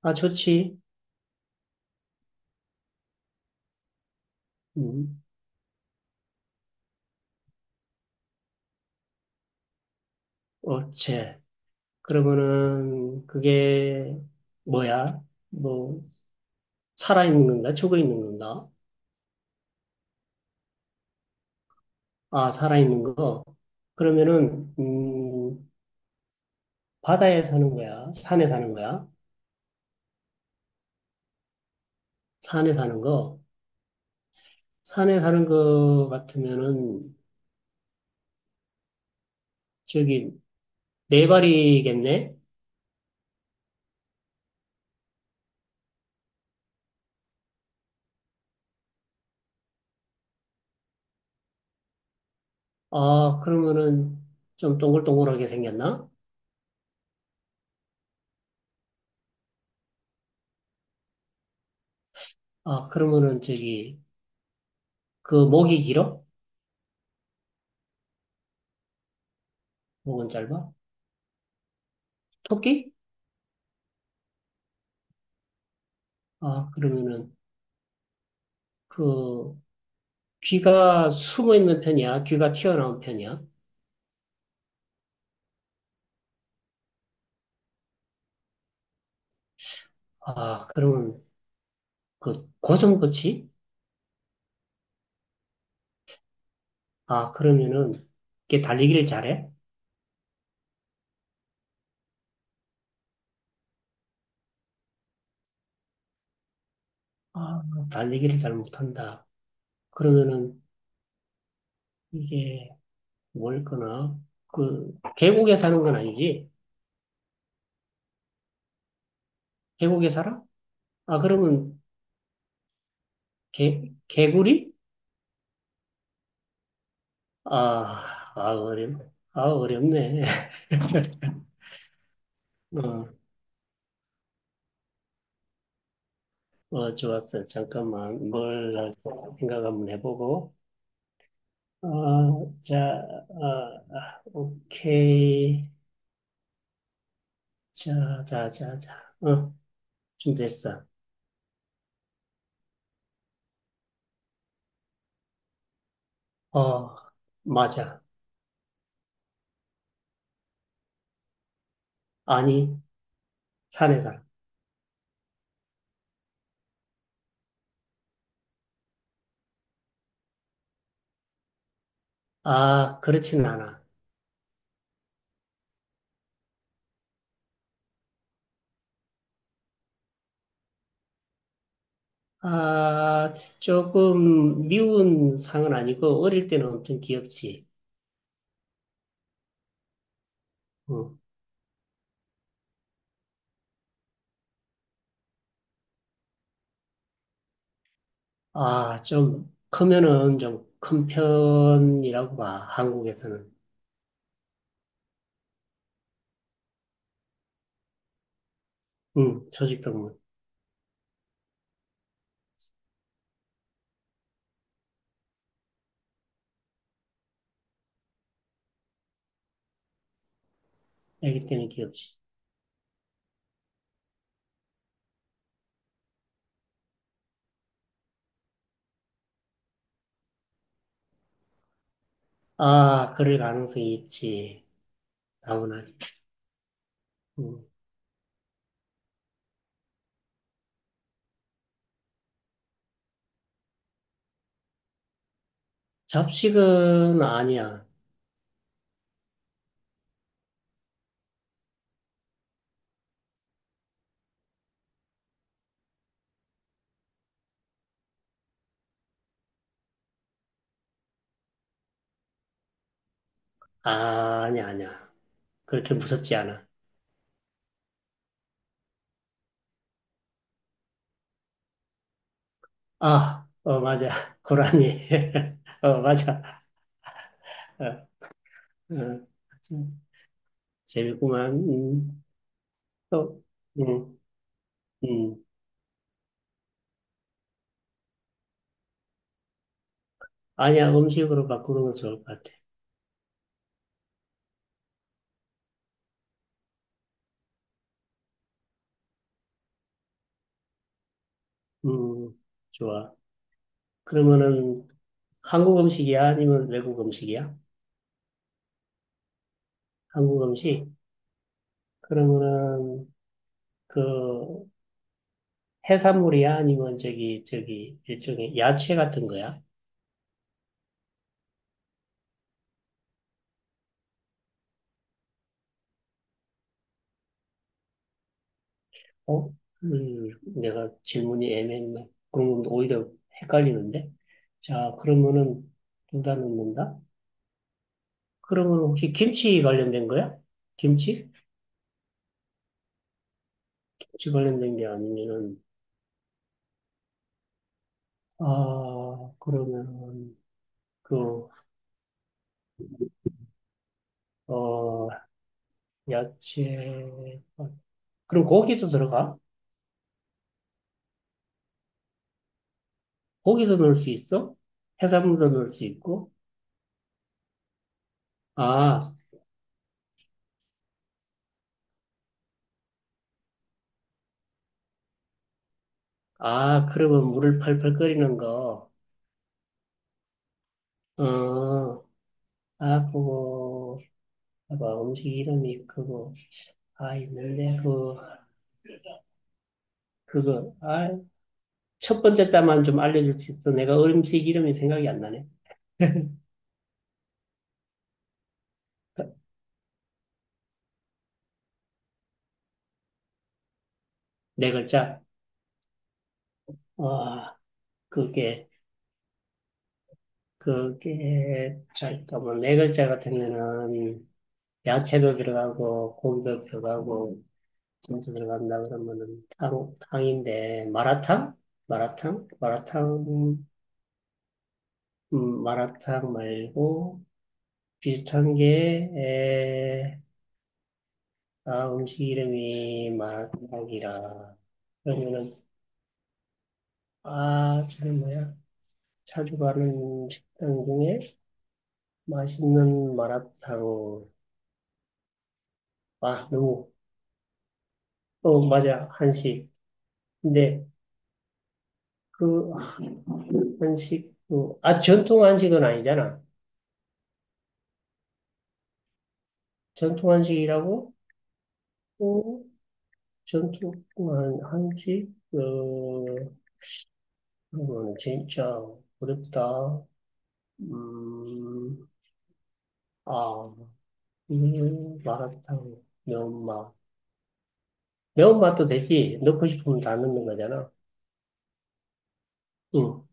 아, 좋지. 음, 어체. 그러면은, 그게, 뭐야? 뭐, 살아있는 건가? 죽어있는 건가? 아, 살아있는 거. 그러면은, 바다에 사는 거야? 산에 사는 거야? 산에 사는 거. 산에 사는 거 같으면은, 저기, 네 발이겠네? 아, 그러면은, 좀 동글동글하게 생겼나? 아, 그러면은, 저기, 그 목이 길어? 목은 짧아? 토끼? 아, 그러면은, 그 귀가 숨어 있는 편이야? 귀가 튀어나온 편이야? 아, 그러면 그 고정고치. 아, 그러면은 이게 달리기를 잘해? 아, 달리기를 잘 못한다. 그러면은 이게 뭘거나 그 계곡에 사는 건 아니지? 계곡에 살아? 아, 그러면 개 개구리? 아, 아 어렵 아 어렵네. 어, 어 좋았어. 잠깐만 뭘 할까 생각 한번 해보고. 어, 자, 어, 아, 오케이. 자, 자, 자, 자. 어, 준비됐어. 어, 맞아. 아니, 산에 살아. 아, 그렇진 않아. 아, 조금 미운 상은 아니고, 어릴 때는 엄청 귀엽지. 어, 아, 좀 크면은 좀 큰 편이라고 봐, 한국에서는. 응, 조직동물. 애기 때는 귀엽지. 아, 그럴 가능성이 있지. 다문화지. 응. 잡식은 아니야. 아, 아니야, 아니야. 그렇게 무섭지 않아. 아, 어, 맞아. 고라니. 어, 맞아. 어, 어. 참, 재밌구만. 또, 음, 음. 아니야, 음식으로 바꾸는 건 좋을 것 같아. 음, 좋아. 그러면은 한국 음식이야? 아니면 외국 음식이야? 한국 음식? 그러면은 그 해산물이야? 아니면 저기, 저기, 일종의 야채 같은 거야? 어? 음, 내가 질문이 애매했네. 그러면 오히려 헷갈리는데? 자, 그러면은 둘 다 넣는다? 그러면 혹시 김치 관련된 거야? 김치? 김치 관련된 게 아니면은, 아, 그러면, 그, 어, 야채, 어, 그럼 고기도 들어가? 고기도 넣을 수 있어? 해산물도 넣을 수 있고? 아, 아, 그러면 물을 팔팔 끓이는 거, 어, 아, 그거, 뭐 음식 이름이 그거 아 있는데 그 그거 아 첫 번째 자만 좀 알려줄 수 있어? 내가 음식 이름이 생각이 안 나네. 네 글자. 아, 그게, 잠깐만 네 글자 같으면은 야채도 들어가고 고기도 들어가고 김도 들어간다 그러면은 탕 탕인데 마라탕, 마라탕, 마라탕. 마라탕 말고 비슷한 게, 아, 음식 이름이 마라탕이라. 그러면은, 아, 저는 뭐야? 자주 가는 식당 중에 맛있는 마라탕. 아, 너무, 어, 맞아. 한식. 근데 그 한식, 그, 아, 전통 한식은 아니잖아. 전통 한식이라고? 어, 전통 한식? 어, 그거는 진짜 어렵다. 음, 아, 마라탕, 면마. 매운맛도 되지. 넣고 싶으면 다 넣는 거잖아. 응.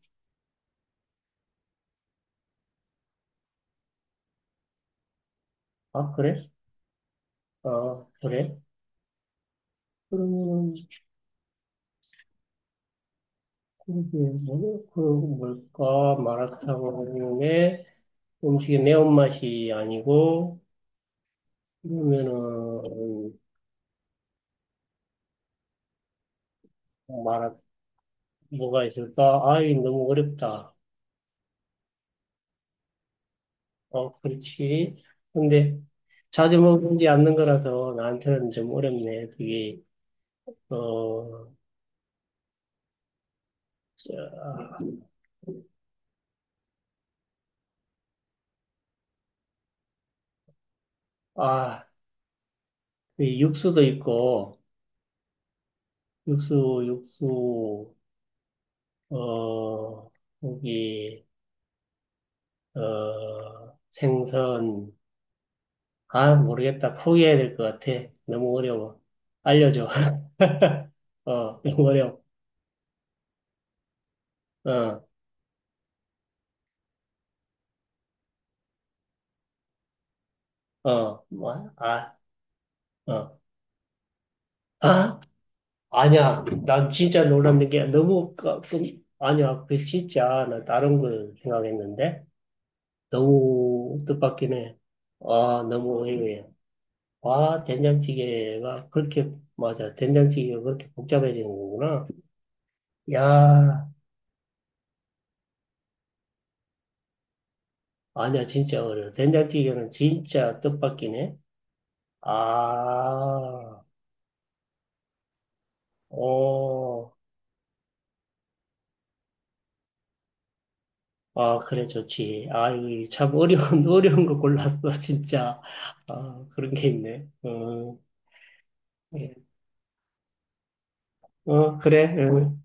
아, 그래? 아, 그래? 그러면, 그게 뭐, 그, 뭘까? 마라탕에 음식의 매운맛이 아니고, 그러면은, 마라, 뭐가 있을까? 아이, 너무 어렵다. 어, 그렇지. 근데, 자주 먹지 않는 거라서 나한테는 좀 어렵네. 그게, 어, 저, 아, 그 육수도 있고, 육수, 육수, 어, 고기, 어, 생선. 아, 모르겠다. 포기해야 될 것 같아. 너무 어려워. 알려줘. 어, 너무 어려워. 어, 어, 뭐, 아, 어. 아? 아니야. 난 진짜 놀랐는 게 너무, 아니야. 그 진짜, 나 다른 걸 생각했는데. 너무 뜻밖이네. 아, 너무 의외야. 와, 된장찌개가 그렇게, 맞아. 된장찌개가 그렇게 복잡해지는 거구나. 야, 아니야, 진짜 어려워. 된장찌개는 진짜 뜻밖이네. 아, 오, 아, 그래, 좋지. 아, 이거 참 어려운, 어려운 거 골랐어, 진짜. 아, 그런 게 있네. 어, 예. 어, 그래. 어.